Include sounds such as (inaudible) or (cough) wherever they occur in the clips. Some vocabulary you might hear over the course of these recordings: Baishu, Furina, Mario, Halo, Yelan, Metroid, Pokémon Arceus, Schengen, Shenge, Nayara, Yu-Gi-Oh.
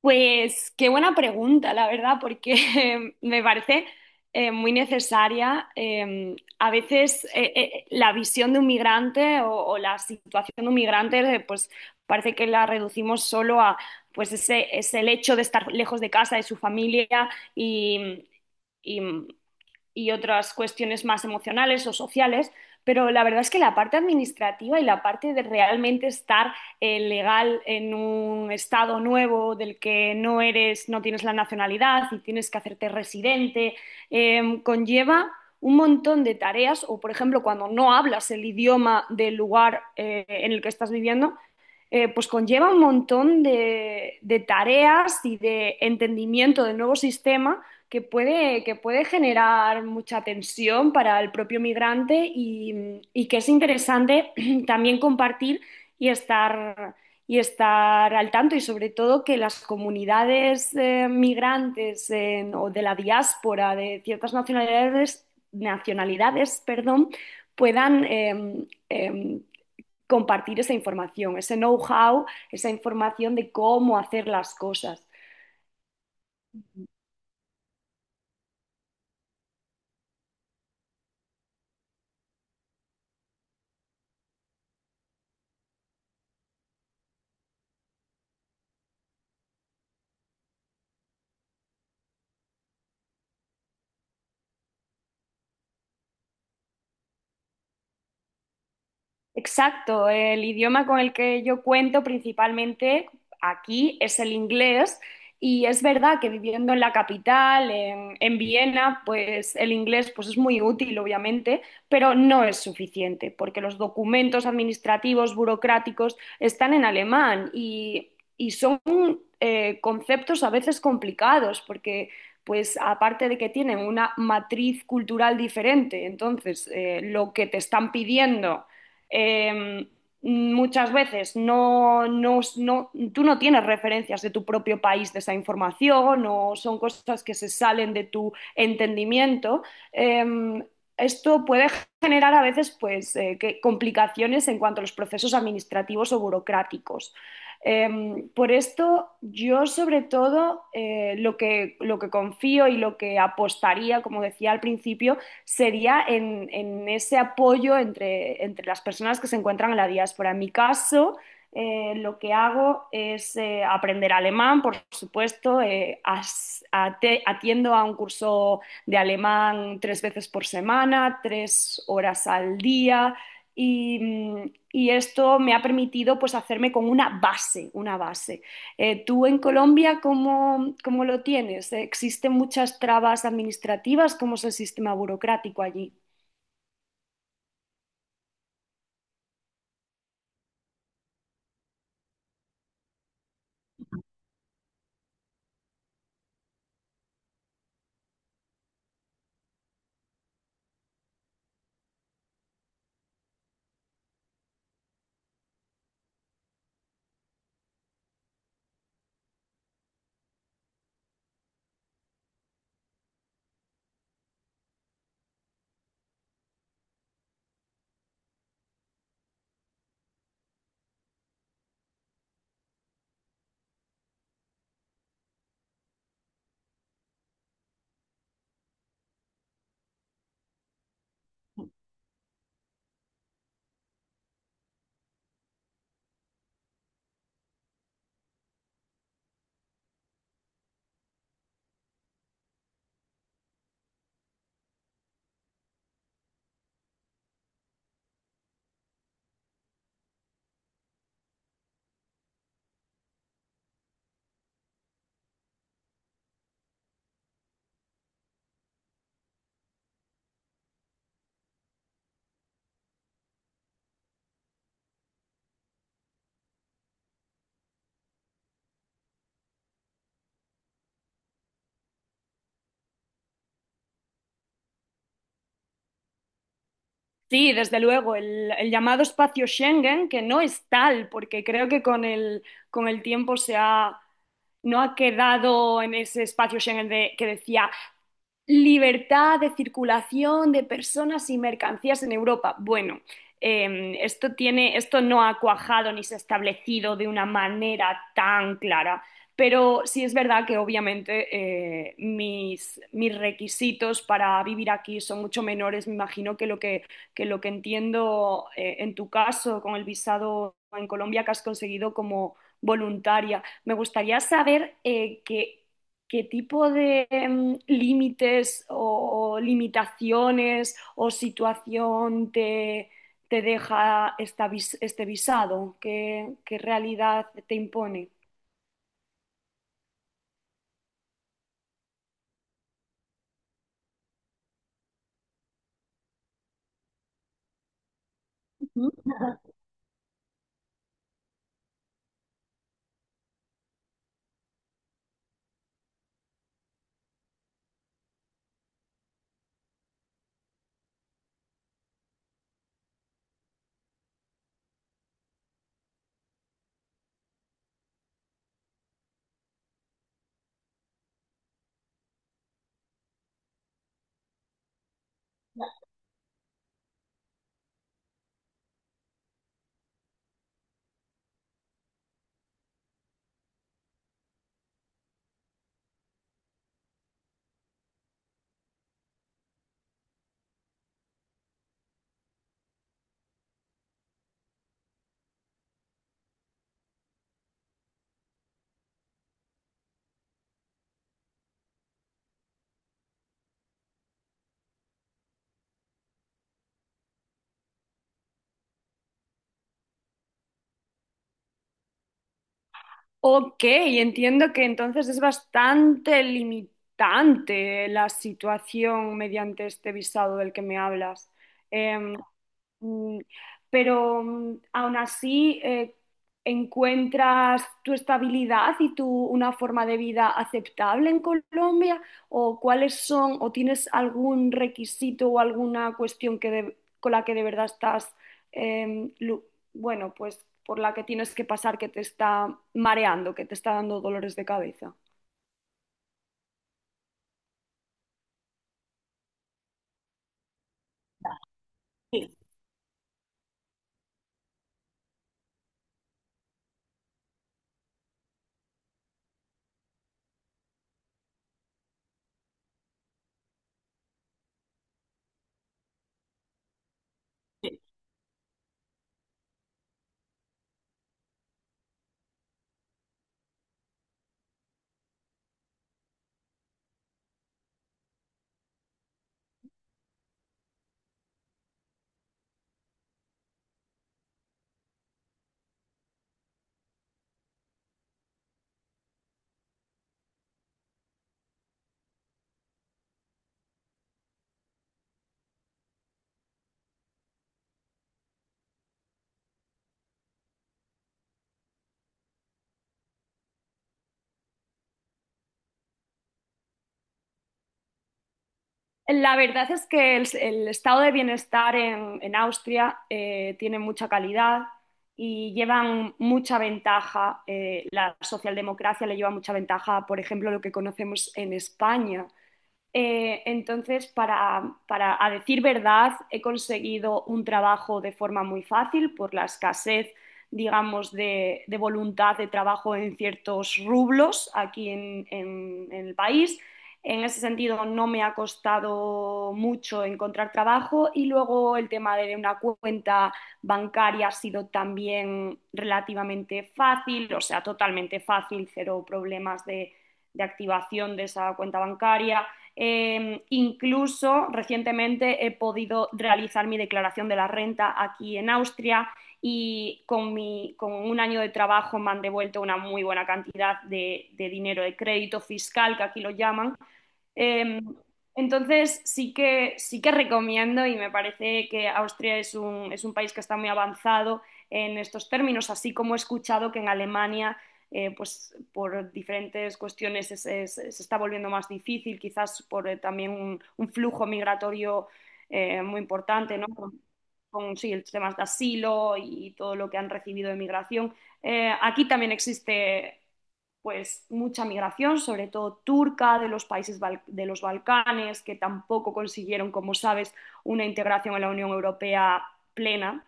Pues qué buena pregunta, la verdad, porque (laughs) me parece muy necesaria. A veces la visión de un migrante o la situación de un migrante, pues parece que la reducimos solo a pues es el hecho de estar lejos de casa, de su familia y, y otras cuestiones más emocionales o sociales, pero la verdad es que la parte administrativa y la parte de realmente estar legal en un estado nuevo del que no eres, no tienes la nacionalidad y tienes que hacerte residente, conlleva un montón de tareas o, por ejemplo, cuando no hablas el idioma del lugar en el que estás viviendo, pues conlleva un montón de tareas y de entendimiento del nuevo sistema que puede generar mucha tensión para el propio migrante y que es interesante (clears throat) también compartir y estar, y estar al tanto y sobre todo que las comunidades migrantes o de la diáspora de ciertas nacionalidades, perdón, puedan compartir esa información, ese know-how, esa información de cómo hacer las cosas. Exacto, el idioma con el que yo cuento principalmente aquí es el inglés y es verdad que viviendo en la capital, en Viena, pues el inglés pues es muy útil, obviamente, pero no es suficiente porque los documentos administrativos, burocráticos están en alemán y son conceptos a veces complicados porque pues aparte de que tienen una matriz cultural diferente, entonces lo que te están pidiendo eh, muchas veces no, no, no, tú no tienes referencias de tu propio país de esa información o son cosas que se salen de tu entendimiento. Eh, Esto puede generar a veces pues, complicaciones en cuanto a los procesos administrativos o burocráticos. Por esto, yo sobre todo lo que confío y lo que apostaría, como decía al principio, sería en ese apoyo entre las personas que se encuentran en la diáspora. En mi caso, lo que hago es aprender alemán, por supuesto. Atiendo a un curso de alemán 3 veces por semana, 3 horas al día. Y esto me ha permitido pues hacerme con una base, una base. ¿Tú en Colombia cómo lo tienes? ¿Existen muchas trabas administrativas? ¿Cómo es el sistema burocrático allí? Sí, desde luego, el llamado espacio Schengen, que no es tal, porque creo que con el tiempo no ha quedado en ese espacio Schengen que decía libertad de circulación de personas y mercancías en Europa. Bueno, esto no ha cuajado ni se ha establecido de una manera tan clara, pero sí es verdad que obviamente mis requisitos para vivir aquí son mucho menores, me imagino, que lo que, entiendo en tu caso con el visado en Colombia que has conseguido como voluntaria. Me gustaría saber ¿Qué tipo de límites o, limitaciones o situación te deja este visado? ¿Qué, qué realidad te impone? Ujú. Ok, entiendo que entonces es bastante limitante la situación mediante este visado del que me hablas. Em, Mm, Pero aún así, encuentras tu estabilidad y tu una forma de vida aceptable en Colombia o cuáles son o tienes algún requisito o alguna cuestión que de- con la que de verdad estás eh, lu- bueno, pues por la que tienes que pasar que te está mareando, que te está dando dolores de cabeza. Sí. La verdad es que el estado de bienestar en Austria tiene mucha calidad y llevan mucha ventaja, la socialdemocracia le lleva mucha ventaja, por ejemplo, lo que conocemos en España, entonces, para, a decir verdad, he conseguido un trabajo de forma muy fácil por la escasez, digamos, de voluntad de trabajo en ciertos rublos aquí en el país. En ese sentido, no me ha costado mucho encontrar trabajo y luego el tema de una cuenta bancaria ha sido también relativamente fácil, o sea, totalmente fácil, cero problemas de activación de esa cuenta bancaria. Incluso recientemente he podido realizar mi declaración de la renta aquí en Austria y con un año de trabajo me han devuelto una muy buena cantidad de dinero de crédito fiscal, que aquí lo llaman, eh, entonces sí que, recomiendo y me parece que Austria es un país que está muy avanzado en estos términos, así como he escuchado que en Alemania, pues por diferentes cuestiones se está volviendo más difícil, quizás por también un flujo migratorio muy importante, ¿no? Con, sí, el tema de asilo y todo lo que han recibido de migración. Aquí también existe pues mucha migración, sobre todo turca, de los países de los Balcanes, que tampoco consiguieron, como sabes, una integración en la Unión Europea plena,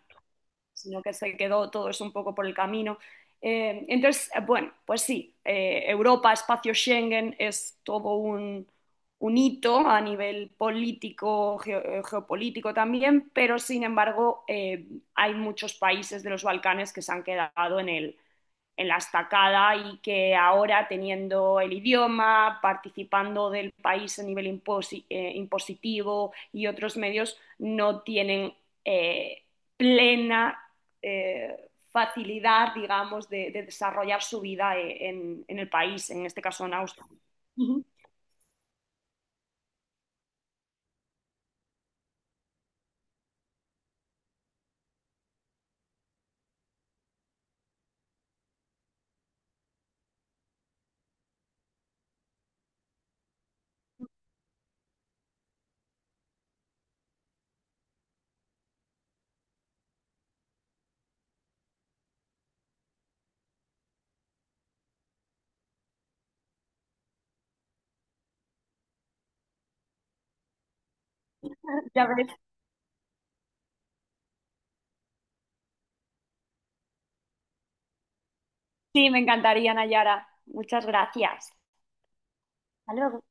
sino que se quedó todo eso un poco por el camino. Entonces, bueno, pues sí, Europa, espacio Schengen, es todo un hito a nivel político, geopolítico también, pero sin embargo, hay muchos países de los Balcanes que se han quedado en el en la estacada y que ahora teniendo el idioma, participando del país a nivel impositivo y otros medios, no tienen eh, plena facilidad, digamos, desarrollar su vida en el país, en este caso en Austria. Ya ves. Sí, me encantaría, Nayara. Muchas gracias. Hasta luego.